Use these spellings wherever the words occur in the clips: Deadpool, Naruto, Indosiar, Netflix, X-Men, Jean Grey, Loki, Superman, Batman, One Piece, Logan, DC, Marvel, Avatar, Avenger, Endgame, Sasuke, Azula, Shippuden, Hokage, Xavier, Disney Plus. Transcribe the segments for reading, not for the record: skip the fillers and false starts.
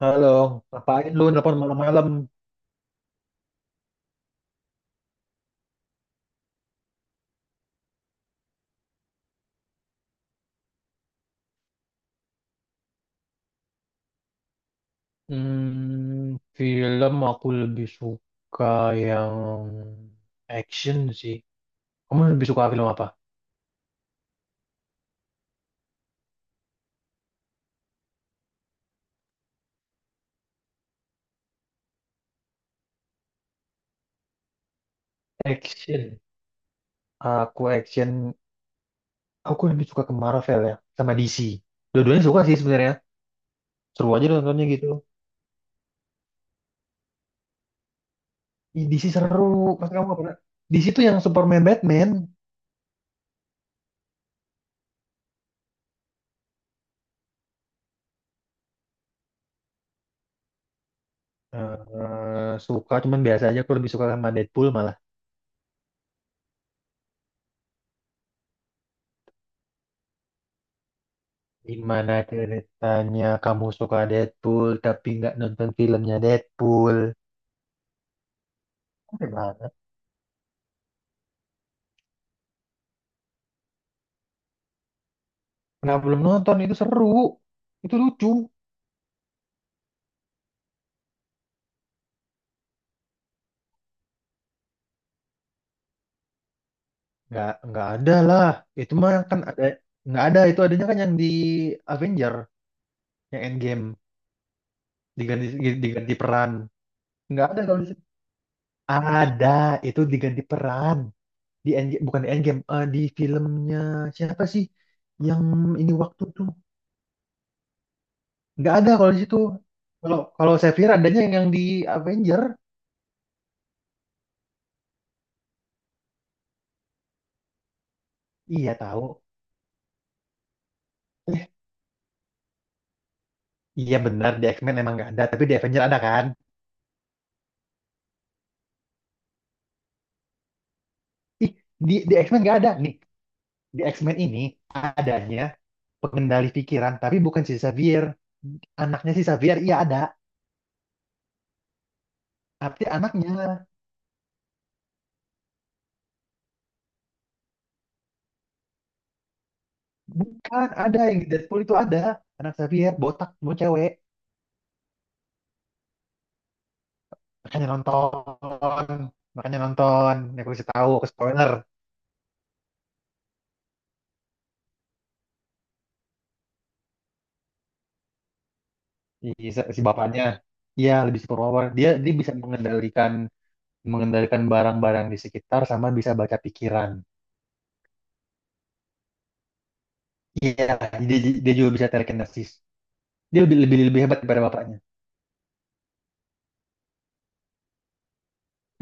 Halo, ngapain lu nelpon malam-malam? Film aku lebih suka yang action sih. Kamu lebih suka film apa? Action. Aku action. Aku lebih suka ke Marvel ya, sama DC. Dua-duanya suka sih sebenarnya. Seru aja nontonnya gitu. Ih, DC seru. Pasti kamu nggak pernah. DC tuh yang Superman, Batman. Suka, cuman biasa aja. Aku lebih suka sama Deadpool malah. Gimana ceritanya kamu suka Deadpool tapi nggak nonton filmnya Deadpool? Aneh banget. Kenapa belum nonton? Itu seru. Itu lucu. Nggak ada lah. Itu mah kan ada, nggak ada. Itu adanya kan yang di Avenger, yang Endgame diganti diganti peran. Nggak ada kalau di situ. Ada, itu diganti peran di Endgame, bukan di Endgame, di filmnya siapa sih, yang ini waktu tuh nggak ada kalau di situ, kalau kalau Xavier adanya yang di Avenger. Iya tahu. Eh, iya benar, di X-Men emang nggak ada, tapi di Avenger ada kan. Ih, di X-Men nggak ada nih, di X-Men ini adanya pengendali pikiran tapi bukan si Xavier. Anaknya si Xavier iya ada, tapi anaknya bukan. Ada yang di Deadpool itu ada anak Xavier botak mau cewek. Makanya nonton, makanya nonton, ya aku kasih tahu ke spoiler. I- si si bapaknya ya lebih superpower, dia dia bisa mengendalikan mengendalikan barang-barang di sekitar sama bisa baca pikiran. Iya, dia, dia juga bisa telekinesis. Dia lebih lebih lebih hebat daripada bapaknya.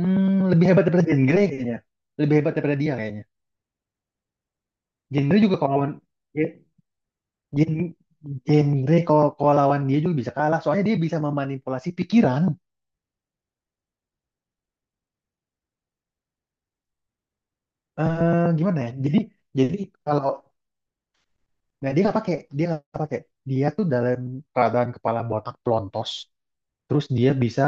Lebih hebat daripada Jean Grey kayaknya. Lebih hebat daripada dia kayaknya. Jean Grey juga kalau lawan. Ye- Jean Jean Grey kalau kalau lawan dia juga bisa kalah, soalnya dia bisa memanipulasi pikiran. Gimana ya, jadi, jadi kalau, nah, dia nggak pakai, dia tuh dalam keadaan kepala botak pelontos. Terus dia bisa,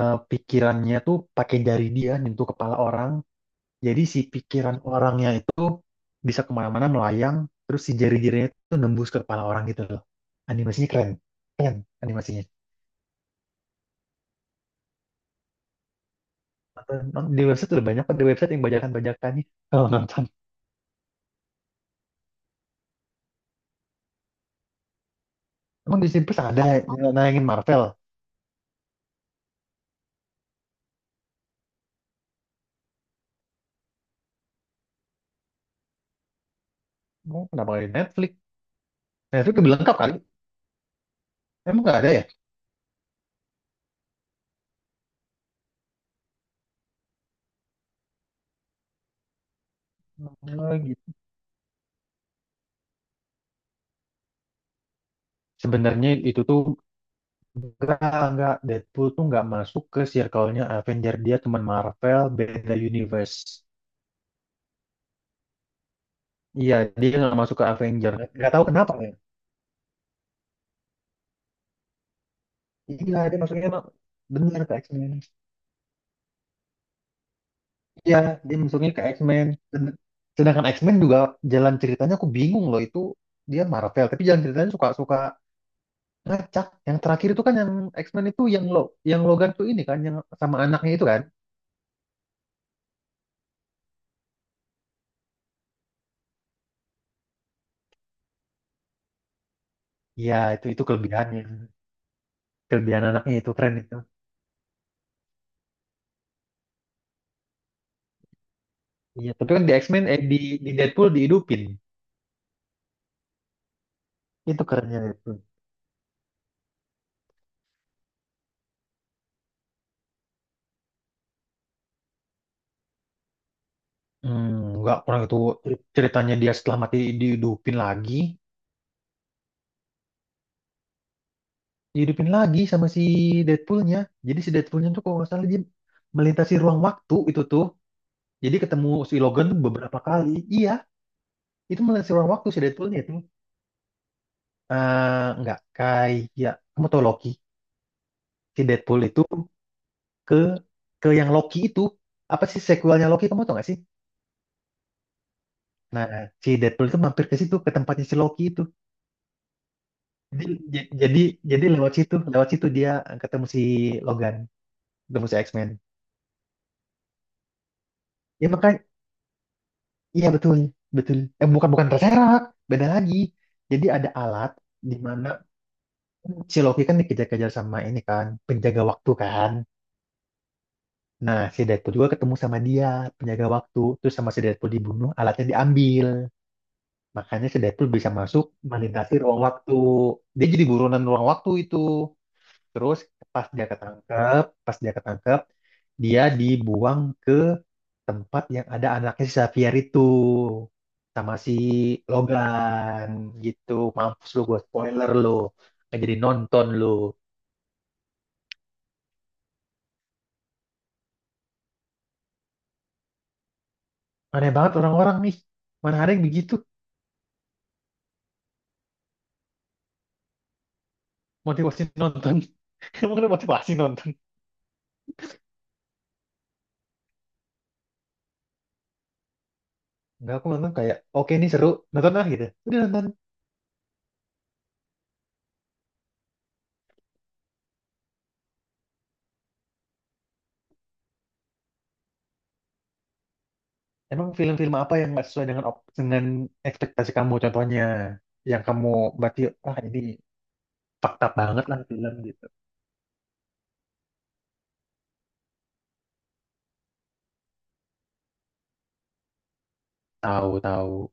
pikirannya tuh pakai jari, dia nyentuh kepala orang. Jadi si pikiran orangnya itu bisa kemana-mana melayang. Terus si jari-jarinya tuh nembus ke kepala orang gitu loh. Animasinya keren. Keren animasinya. Di website udah banyak kok. Di website yang bajakan-bajakannya. Kalau nonton. Emang Disney Plus ada ya, yang nayangin Marvel? Emang kenapa nggak di Netflix? Netflix lebih lengkap kali. Emang nggak ada ya? Oh, gitu. Sebenarnya itu tuh, enggak, enggak. Deadpool tuh enggak masuk ke circle-nya Avenger. Dia teman Marvel, beda universe. Iya, dia enggak masuk ke Avenger. Enggak tahu kenapa ya. Iya, dia masuknya emang bener ke X-Men. Iya, dia masuknya ke X-Men. Sedangkan X-Men juga jalan ceritanya aku bingung loh itu. Dia Marvel, tapi jalan ceritanya suka-suka ngacak. Yang terakhir itu kan yang X-Men itu yang lo, yang Logan tuh ini kan yang sama anaknya itu kan. Iya, itu kelebihannya. Kelebihan anaknya itu keren itu. Iya, tapi kan di X-Men, di Deadpool dihidupin. Itu kerennya Deadpool. Hmm, nggak kurang itu ceritanya, dia setelah mati dihidupin lagi, sama si Deadpoolnya. Jadi si Deadpoolnya tuh, kalau nggak salah, dia melintasi ruang waktu itu tuh. Jadi ketemu si Logan beberapa kali. Iya, itu melintasi ruang waktu si Deadpoolnya itu. Eh, nggak, kayak kamu tau Loki. Si Deadpool itu ke ke yang Loki itu, apa sih sequelnya Loki, kamu tau nggak sih? Nah, si Deadpool itu mampir ke situ, ke tempatnya si Loki itu. Jadi, j- jadi lewat situ dia ketemu si Logan, ketemu si X-Men. Ya makanya, iya betul, betul. Eh, bukan bukan terserak, beda lagi. Jadi ada alat di mana si Loki kan dikejar-kejar sama ini kan, penjaga waktu kan. Nah, si Deadpool juga ketemu sama dia, penjaga waktu. Terus sama si Deadpool dibunuh, alatnya diambil. Makanya si Deadpool bisa masuk melintasi ruang waktu. Dia jadi buronan ruang waktu itu. Terus pas dia ketangkep, dia dibuang ke tempat yang ada anaknya si Xavier itu sama si Logan gitu. Mampus lu, gue spoiler lu. Nggak jadi nonton lu. Aneh banget orang-orang nih. Mana ada yang begitu motivasi nonton. Emang ada motivasi nonton? Enggak, aku nonton kayak, oke ini seru, nonton lah gitu. Udah nonton. Emang film-film apa yang nggak sesuai dengan ekspektasi kamu contohnya? Yang kamu berarti, ah, ini fakta banget lah film gitu. Tahu, tahu.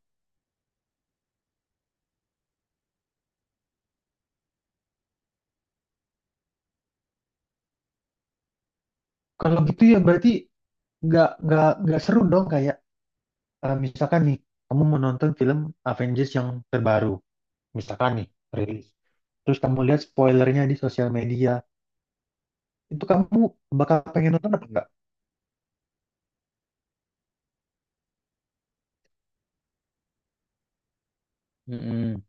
Kalau gitu ya berarti nggak seru dong, kayak, misalkan nih kamu mau nonton film Avengers yang terbaru, misalkan nih, rilis. Terus kamu lihat spoilernya di sosial media, itu kamu bakal pengen nonton apa enggak? Mm-mm.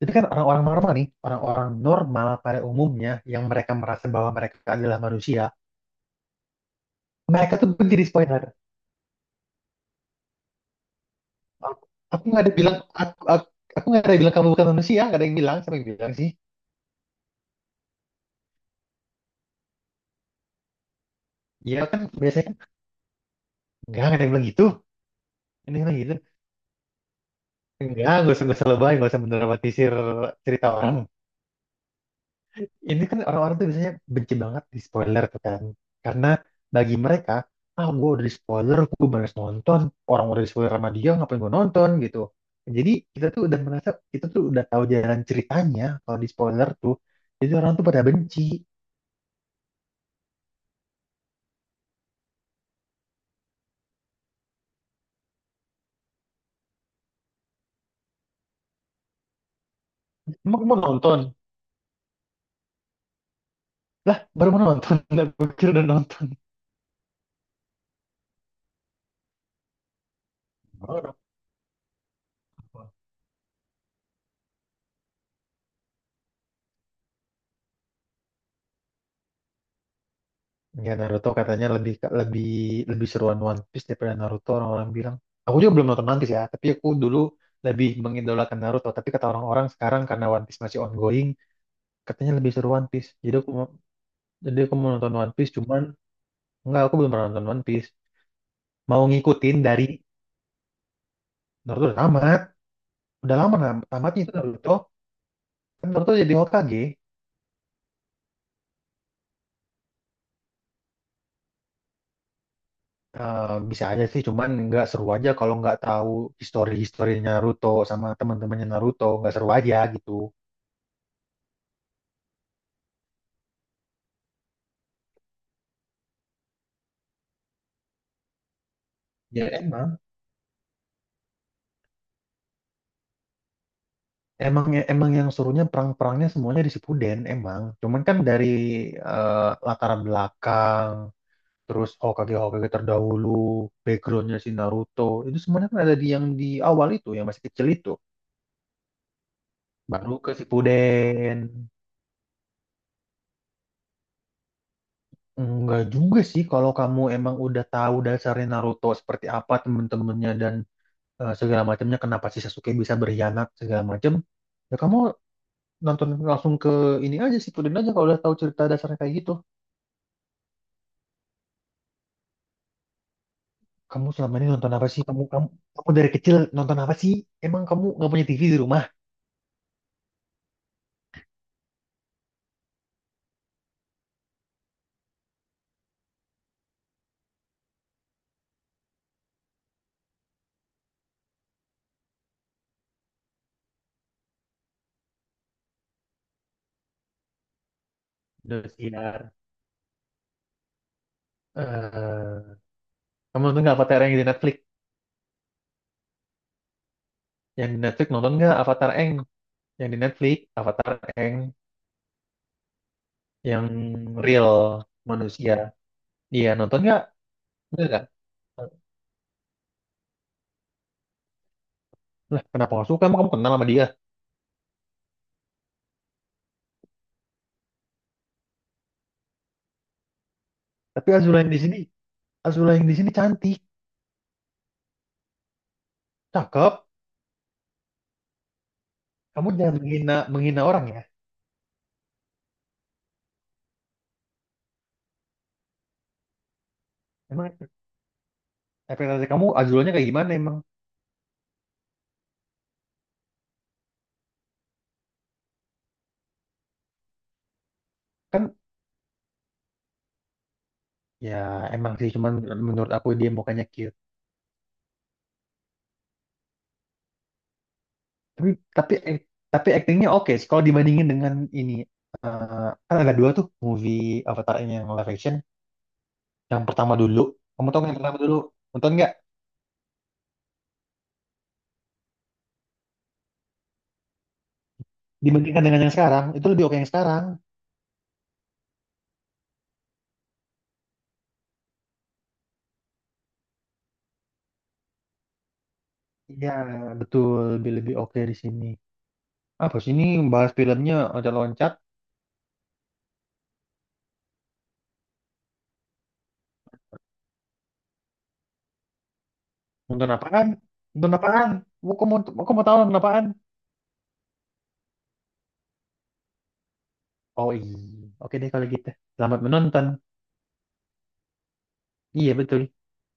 Jadi kan orang-orang normal nih, orang-orang normal pada umumnya yang mereka merasa bahwa mereka adalah manusia, mereka tuh menjadi spoiler. Aku aku nggak ada bilang aku, aku nggak ada bilang kamu bukan manusia, nggak ada yang bilang, siapa yang bilang sih? Ya kan biasanya kan, enggak ada yang bilang gitu. Ini bilang gitu. Enggak, gak usah lebay, gak usah mendramatisir cerita orang. Ini kan orang-orang tuh biasanya benci banget di spoiler tuh kan. Karena bagi mereka, ah, gue udah di spoiler, gue baru nonton. Orang udah di spoiler sama dia, ngapain gue nonton gitu. Jadi kita tuh udah merasa, kita tuh udah tahu jalan ceritanya kalau di spoiler tuh. Jadi orang tuh pada benci. Emang mau nonton? Lah, baru mau nonton. Udah pikir udah nonton. Baru nonton. Ya Naruto katanya lebih, lebih lebih seruan One Piece daripada Naruto, orang-orang bilang. Aku juga belum nonton One Piece ya, tapi aku dulu lebih mengidolakan Naruto. Tapi kata orang-orang sekarang, karena One Piece masih ongoing, katanya lebih seru One Piece. Jadi aku mau nonton One Piece, cuman enggak, aku belum pernah nonton One Piece. Mau ngikutin dari Naruto udah tamat, udah lama nah, tamatnya itu Naruto. Kan Naruto jadi Hokage. Bisa aja sih, cuman nggak seru aja kalau nggak tahu histori-historinya Naruto sama teman-temannya Naruto, nggak seru aja gitu. Ya emang. Emang ya, emang yang serunya perang-perangnya semuanya di Shippuden emang. Cuman kan dari, eh, latar belakang, terus Hokage-Hokage terdahulu, backgroundnya si Naruto, itu semuanya kan ada di yang di awal itu, yang masih kecil itu. Baru ke Shippuden. Enggak juga sih kalau kamu emang udah tahu dasarnya Naruto seperti apa, temen-temennya, dan segala macamnya, kenapa si Sasuke bisa berkhianat segala macam. Ya kamu nonton langsung ke ini aja, Shippuden aja, kalau udah tahu cerita dasarnya kayak gitu. Kamu selama ini nonton apa sih? Kamu kamu kamu dari kecil nonton apa sih? Emang kamu nggak punya TV di rumah? Indosiar. Eh, kamu nonton nggak Avatar yang di Netflix? Yang di Netflix nonton nggak Avatar Eng? Yang di Netflix Avatar Eng yang real manusia. Iya nonton nggak? Nggak, nggak. Lah, kenapa nggak suka? Emang kamu kenal sama dia? Tapi Azula yang di sini, Azula yang di sini cantik, cakep. Kamu jangan menghina menghina orang ya. Emang ekspektasi kamu Azulanya kayak gimana emang? Kan ya emang sih, cuman menurut aku dia mukanya cute, tapi tapi act- tapi aktingnya oke sih. Kalau dibandingin dengan ini, kan ada dua tuh movie Avatar ini yang live action, yang pertama dulu, kamu tahu kan yang pertama dulu, nonton nggak, dibandingkan dengan yang sekarang, itu lebih oke yang sekarang. Iya betul. Lebih lebih oke di sini. Apa sih ini, bahas filmnya ada loncat. Nonton apaan, nonton apaan. Mau kamu tahu nonton apaan? Oh iya. Oke deh kalau gitu. Selamat menonton. Iya betul.